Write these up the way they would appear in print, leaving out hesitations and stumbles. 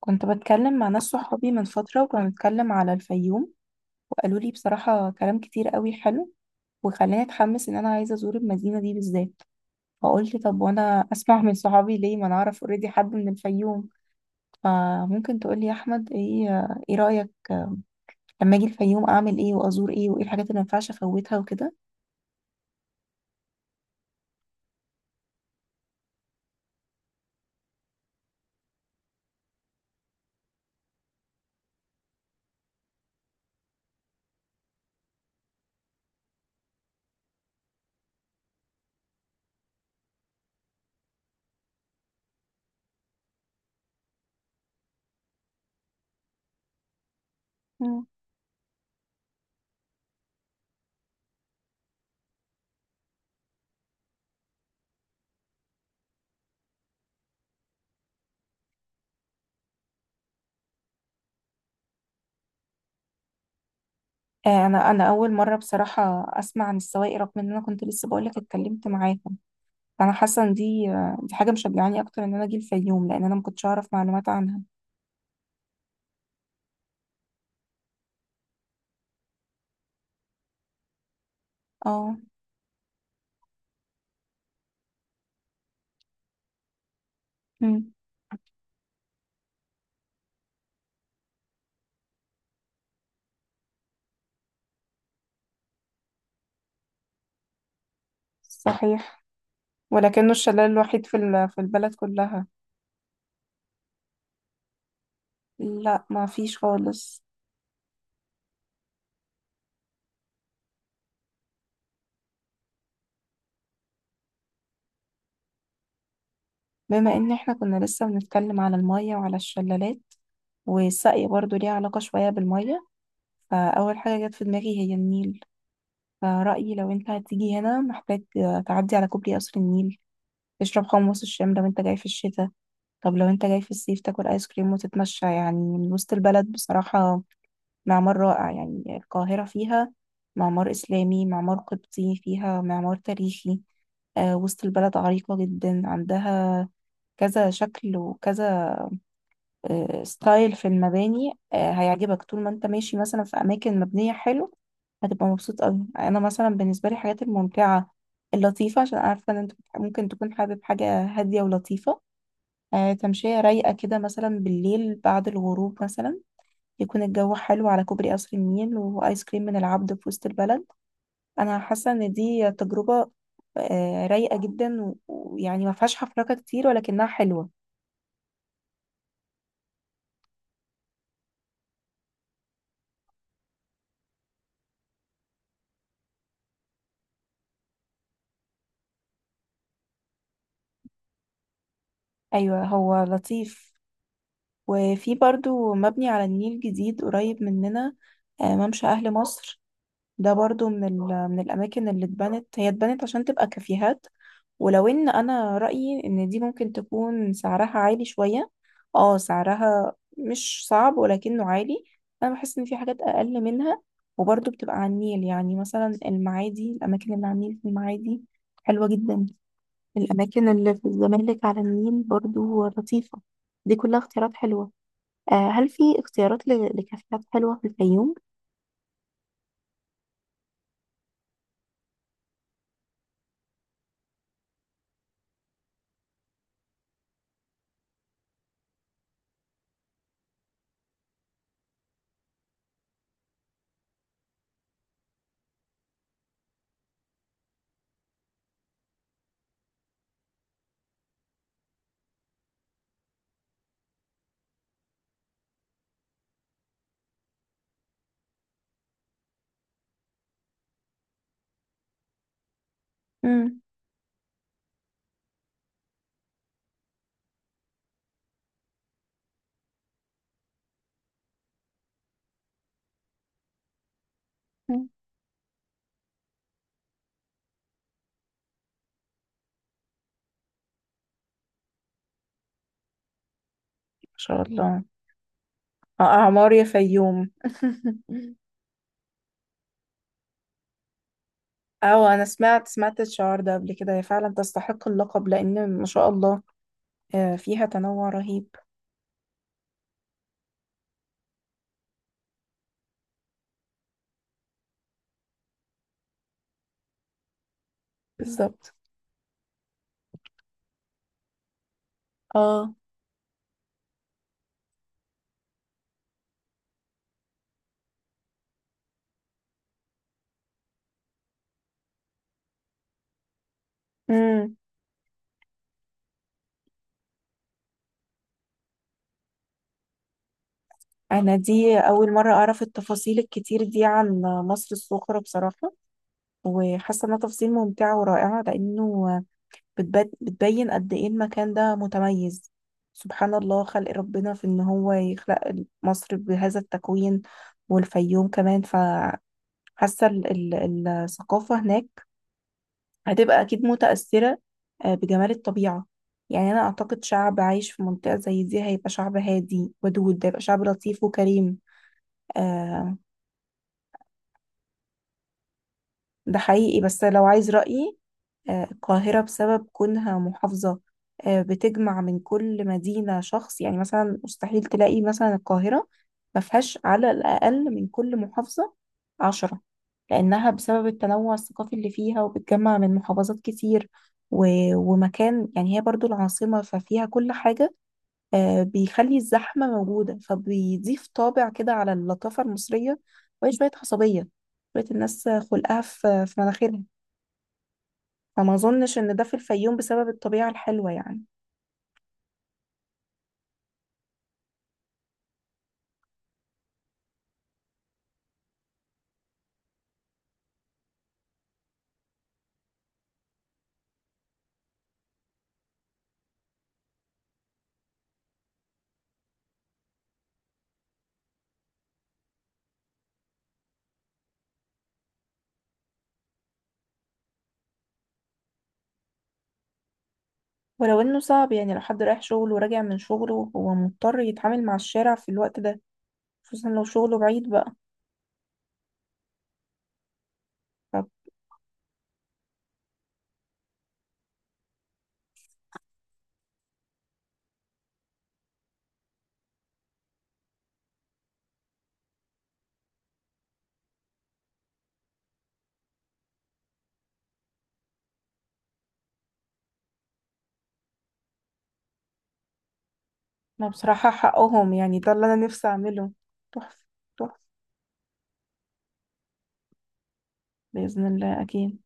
كنت بتكلم مع ناس صحابي من فترة، وكنا بنتكلم على الفيوم. وقالوا لي بصراحة كلام كتير قوي حلو، وخلاني اتحمس ان انا عايزة ازور المدينة دي بالذات. فقلت طب وانا اسمع من صحابي ليه، ما انا اعرف اوريدي حد من الفيوم، فممكن تقولي يا احمد ايه. ايه رأيك لما اجي الفيوم؟ اعمل ايه، وازور ايه، وايه الحاجات اللي ما ينفعش افوتها وكده؟ مم. انا اول مره بصراحه اسمع عن السواقي، رغم ان انا كنت لسه بقولك اتكلمت معاكم. فانا حاسه ان دي حاجه مشجعاني اكتر ان انا اجي الفيوم، لان انا ما كنتش اعرف معلومات عنها. اه. مم. صحيح، ولكنه الشلال الوحيد في البلد كلها. لا، ما فيش خالص. بما ان احنا كنا لسه بنتكلم على المية وعلى الشلالات، والسقي برضو ليه علاقة شوية بالمية، فأول حاجة جت في دماغي هي النيل. فرأيي لو انت هتيجي هنا، محتاج تعدي على كوبري قصر النيل، تشرب حمص الشام لو انت جاي في الشتاء. طب لو انت جاي في الصيف، تاكل ايس كريم وتتمشى يعني من وسط البلد بصراحة. معمار رائع، يعني القاهرة فيها معمار إسلامي، معمار قبطي، فيها معمار تاريخي. وسط البلد عريقة جدا، عندها كذا شكل وكذا ستايل في المباني. هيعجبك طول ما انت ماشي مثلا في أماكن مبنية حلو، هتبقى مبسوط أوي. أنا مثلا بالنسبة لي الحاجات الممتعة اللطيفة، عشان عارفة إن أنت ممكن تكون حابب حاجة هادية ولطيفة. تمشية رايقة كده مثلا بالليل بعد الغروب مثلا، يكون الجو حلو على كوبري قصر النيل، وآيس كريم من العبد في وسط البلد. أنا حاسة إن دي تجربة رايقة جدا، ويعني ما فيهاش حفركة كتير ولكنها حلوة. أيوة، هو لطيف. وفي برضو مبني على النيل جديد قريب مننا، ممشى أهل مصر. ده برضو من الأماكن اللي اتبنت، هي اتبنت عشان تبقى كافيهات. ولو ان انا رأيي ان دي ممكن تكون سعرها عالي شوية. اه، سعرها مش صعب ولكنه عالي. انا بحس ان في حاجات اقل منها، وبرضه بتبقى على النيل، يعني مثلا المعادي، الاماكن اللي على النيل في المعادي حلوة جدا. الاماكن اللي في الزمالك على النيل برضه لطيفة. دي كلها اختيارات حلوة. هل في اختيارات لكافيهات حلوة في الفيوم؟ مم. مم. ما شاء الله. اعمار يا فيوم. اه، انا سمعت سمعت الشعار ده قبل كده. هي فعلا تستحق اللقب، لان ما شاء الله فيها تنوع رهيب. بالظبط. اه. امم. انا دي اول مره اعرف التفاصيل الكتير دي عن مصر الصغرى بصراحه، وحاسه انها تفاصيل ممتعه ورائعه، لانه بتبين قد ايه المكان ده متميز. سبحان الله خلق ربنا في ان هو يخلق مصر بهذا التكوين، والفيوم كمان. فحاسه ال- الثقافه هناك هتبقى أكيد متأثرة بجمال الطبيعة. يعني أنا أعتقد شعب عايش في منطقة زي دي هيبقى شعب هادي ودود، هيبقى شعب لطيف وكريم. آه، ده حقيقي، بس لو عايز رأيي، القاهرة بسبب كونها محافظة، بتجمع من كل مدينة شخص. يعني مثلا مستحيل تلاقي مثلا القاهرة ما فيهاش على الأقل من كل محافظة 10، لأنها بسبب التنوع الثقافي اللي فيها، وبتجمع من محافظات كتير، و... ومكان، يعني هي برضو العاصمة ففيها كل حاجة. بيخلي الزحمة موجودة، فبيضيف طابع كده على اللطافة المصرية، وهي شوية عصبية، شوية الناس خلقها في مناخيرها. فما أظنش إن ده في الفيوم بسبب الطبيعة الحلوة يعني. ولو إنه صعب، يعني لو حد رايح شغل وراجع من شغله هو مضطر يتعامل مع الشارع في الوقت ده، خصوصا لو شغله بعيد بقى. لا، بصراحة حقهم، يعني ده اللي أنا نفسي أعمله. تحفة، تحفة. بإذن الله أكيد.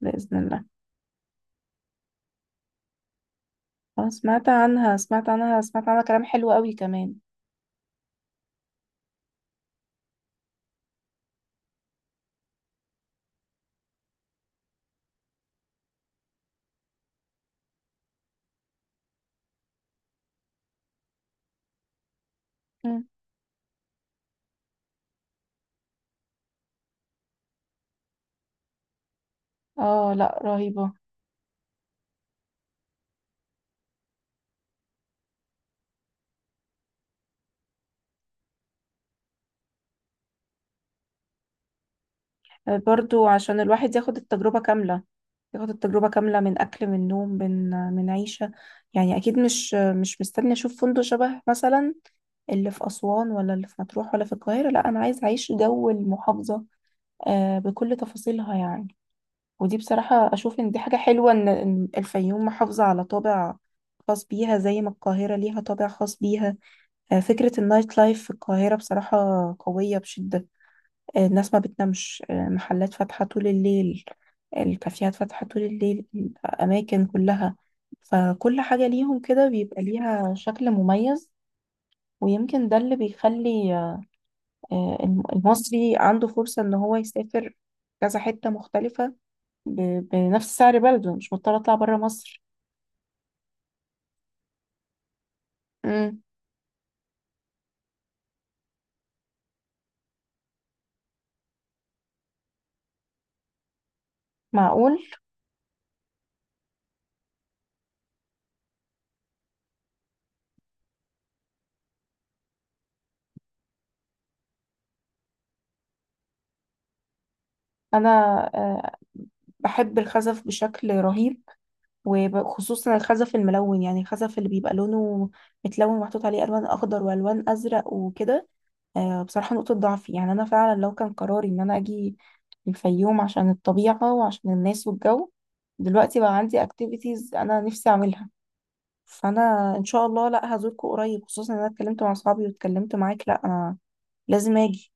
بإذن الله. أنا سمعت عنها، سمعت عنها، سمعت عنها كلام حلو قوي كمان. مم. آه، لا، رهيبة. برضو عشان الواحد ياخد التجربة كاملة، ياخد التجربة كاملة من أكل، من نوم، من عيشة. يعني أكيد مش مستني أشوف فندق شبه مثلا اللي في أسوان، ولا اللي في مطروح، ولا في القاهرة. لا، أنا عايز أعيش جو المحافظة بكل تفاصيلها يعني. ودي بصراحة أشوف إن دي حاجة حلوة، إن الفيوم محافظة على طابع خاص بيها، زي ما القاهرة ليها طابع خاص بيها. فكرة النايت لايف في القاهرة بصراحة قوية بشدة. الناس ما بتنامش، محلات فاتحة طول الليل، الكافيهات فاتحة طول الليل، الأماكن كلها. فكل حاجة ليهم كده بيبقى ليها شكل مميز. ويمكن ده اللي بيخلي المصري عنده فرصة إن هو يسافر كذا حتة مختلفة بنفس سعر بلده، مش مضطرة أطلع برا مصر. امم. معقول. أنا آه، بحب الخزف بشكل رهيب، وخصوصا الخزف الملون، يعني الخزف اللي بيبقى لونه متلون ومحطوط عليه ألوان أخضر وألوان أزرق وكده. بصراحة نقطة ضعفي، يعني أنا فعلا لو كان قراري إن أنا أجي الفيوم عشان الطبيعة وعشان الناس والجو، دلوقتي بقى عندي اكتيفيتيز انا نفسي اعملها. فانا ان شاء الله، لا هزوركم قريب، خصوصا ان انا اتكلمت مع اصحابي واتكلمت معاك. لا، انا لازم اجي